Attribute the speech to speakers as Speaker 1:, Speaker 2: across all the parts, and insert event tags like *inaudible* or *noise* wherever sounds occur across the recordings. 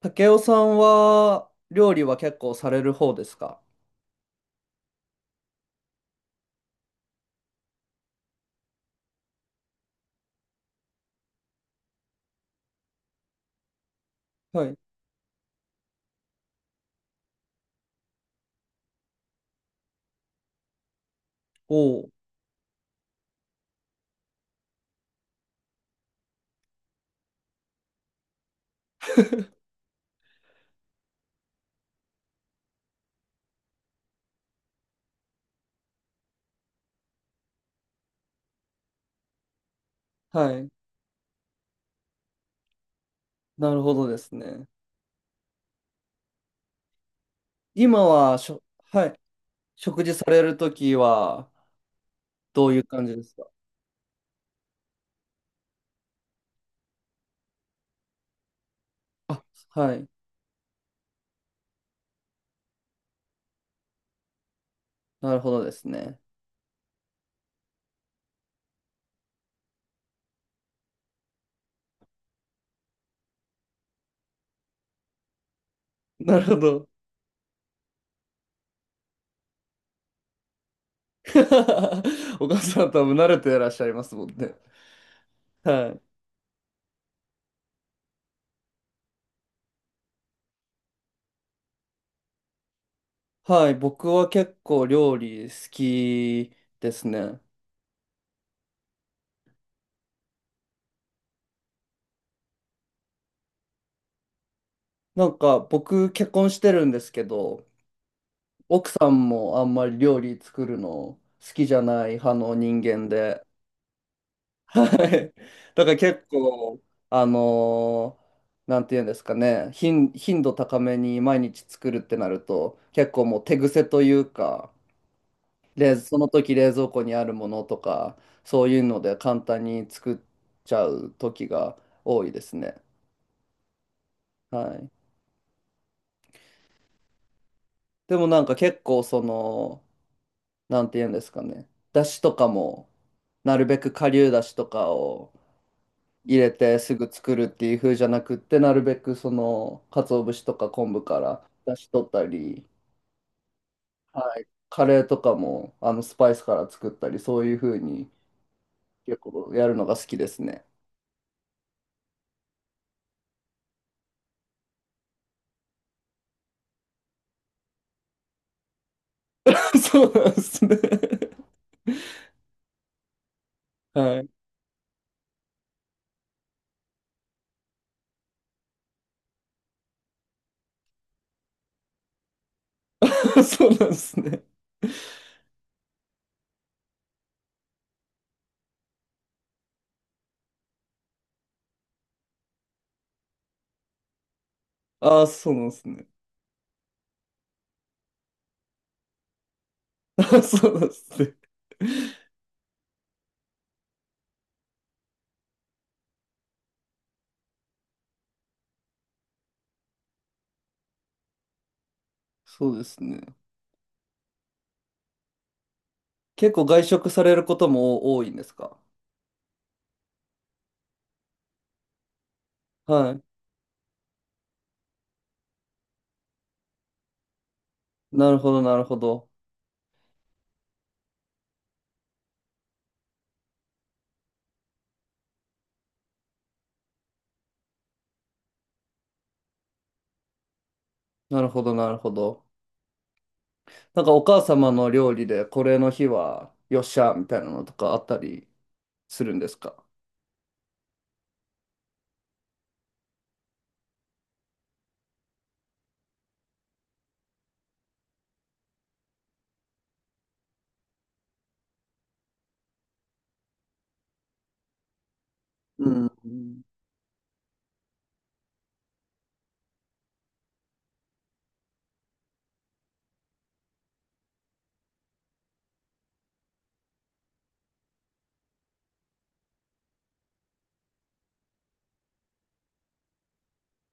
Speaker 1: 竹雄さんは料理は結構される方ですか？はい。おお。*laughs* はい。なるほどですね。今はしょ、はい。食事されるときはどういう感じですか？あ、はい。なるほどですね。なるほど。*laughs* お母さん多分慣れていらっしゃいますもんね。はい。はい。僕は結構料理好きですね。なんか僕結婚してるんですけど、奥さんもあんまり料理作るの好きじゃない派の人間で、はい。だから結構、あのーなんていうんですかね、頻度高めに毎日作るってなると、結構もう手癖というか、冷その時冷蔵庫にあるものとか、そういうので簡単に作っちゃう時が多いですね。はい。でもなんか結構その、なんていうんですかね、だしとかも、なるべく顆粒だしとかを入れてすぐ作るっていう風じゃなくって、なるべくその、鰹節とか昆布から出し取ったり、はい、カレーとかもあのスパイスから作ったり、そういう風に結構やるのが好きですね。*laughs* そうなんですね。はい。*laughs* そうなんですね。ああ、そうなんですね。*laughs* あ、そうなんですね。そうですね。結構外食されることも多いんですか？はい。なるほど、なるほど。なるほど、なるほど。なんかお母様の料理でこれの日はよっしゃみたいなのとかあったりするんですか？うん。うん。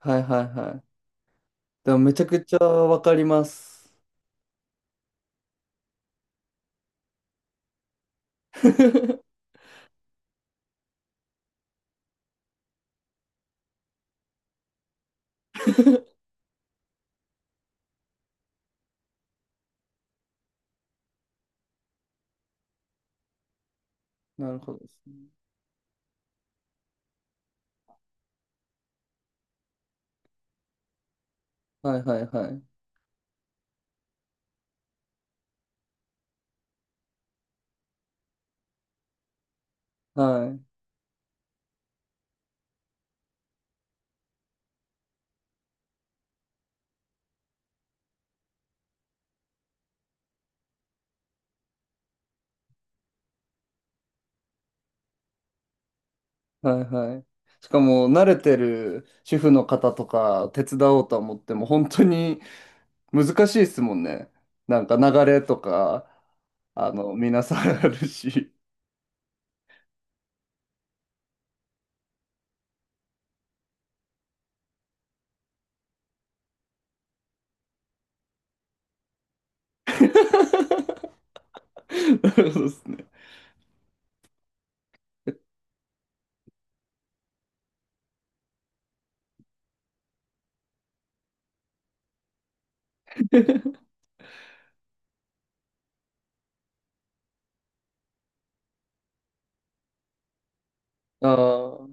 Speaker 1: はいはいはい。でもめちゃくちゃわかります。*laughs* なるほどですね。はいはいはい。はい。はいはい。しかも慣れてる主婦の方とか手伝おうと思っても本当に難しいですもんね。なんか流れとか、あの、皆さんあるし。*laughs* なるほどですね。ああ、は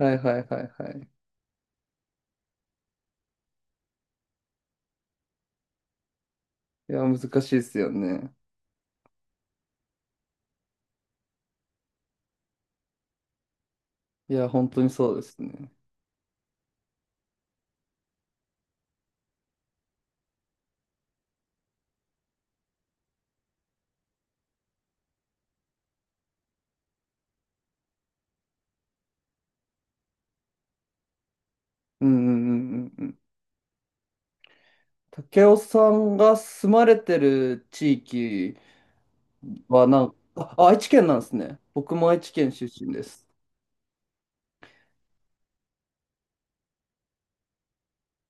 Speaker 1: いはいはいはい。いや、難しいですよね。いや、本当にそうですね。うんうんうんうんうん。竹雄さんが住まれてる地域はなんか、あ、愛知県なんですね。僕も愛知県出身です。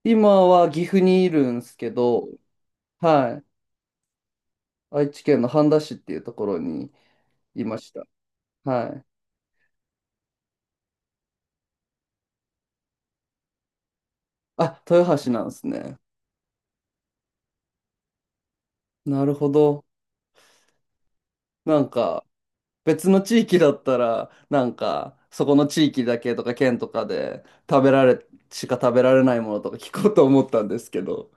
Speaker 1: 今は岐阜にいるんですけど、はい。愛知県の半田市っていうところにいました。はい。あ、豊橋なんですね。なるほど。なんか、別の地域だったら、なんか、そこの地域だけとか県とかで食べられ、しか食べられないものとか *laughs* 聞こうと思ったんですけど、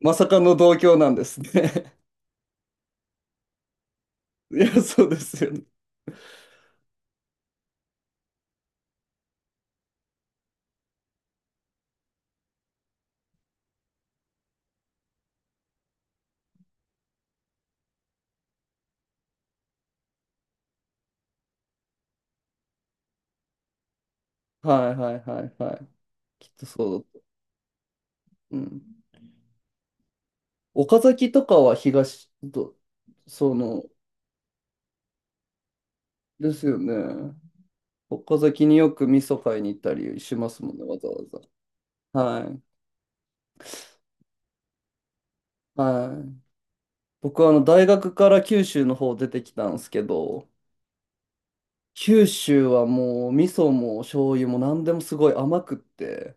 Speaker 1: まさかの同郷なんですね。*laughs* いや、そうですよね。はいはいはいはい。きっとそうだと。うん。岡崎とかは東ど、その、ですよね。岡崎によく味噌買いに行ったりしますもんね、わざわざ。はい。はい。僕はあの大学から九州の方出てきたんですけど、九州はもう味噌も醤油も何でもすごい甘くって、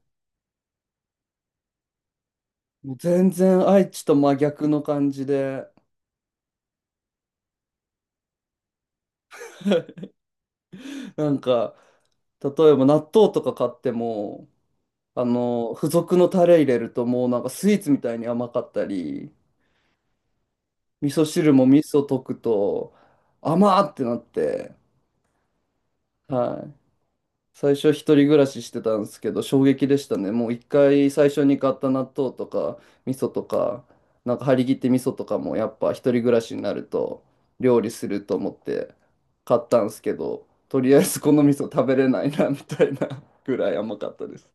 Speaker 1: もう全然愛知と真逆の感じで、*laughs* なんか例えば納豆とか買っても、あの付属のタレ入れるともうなんかスイーツみたいに甘かったり、味噌汁も味噌溶くと甘ーってなって。はい。最初一人暮らししてたんですけど、衝撃でしたね。もう一回最初に買った納豆とか、味噌とか、なんか張り切って味噌とかもやっぱ一人暮らしになると料理すると思って買ったんですけど、とりあえずこの味噌食べれないなみたいなぐらい甘かったです。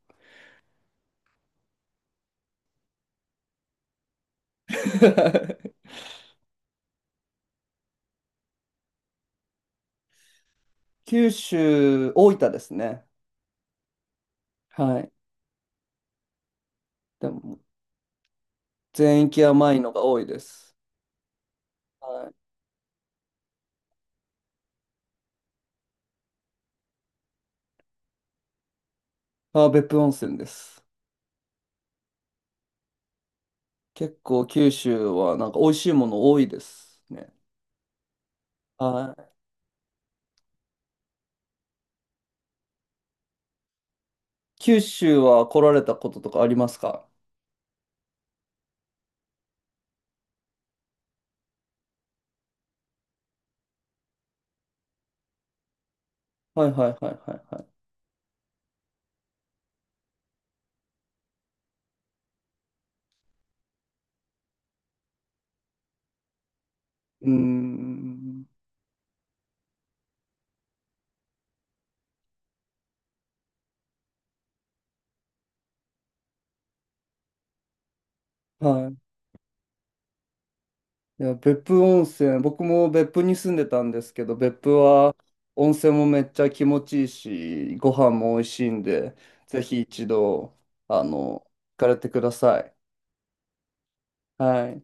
Speaker 1: *laughs* 九州、大分ですね。はい。でも全域甘いのが多いです。はい。あ、別府温泉です。結構九州はなんか美味しいもの多いですね。あ、九州は来られたこととかありますか？はいはいはいはいはい。うーん。はい。いや、別府温泉、僕も別府に住んでたんですけど、別府は温泉もめっちゃ気持ちいいし、ご飯も美味しいんで、ぜひ一度、あの、行かれてください。はい。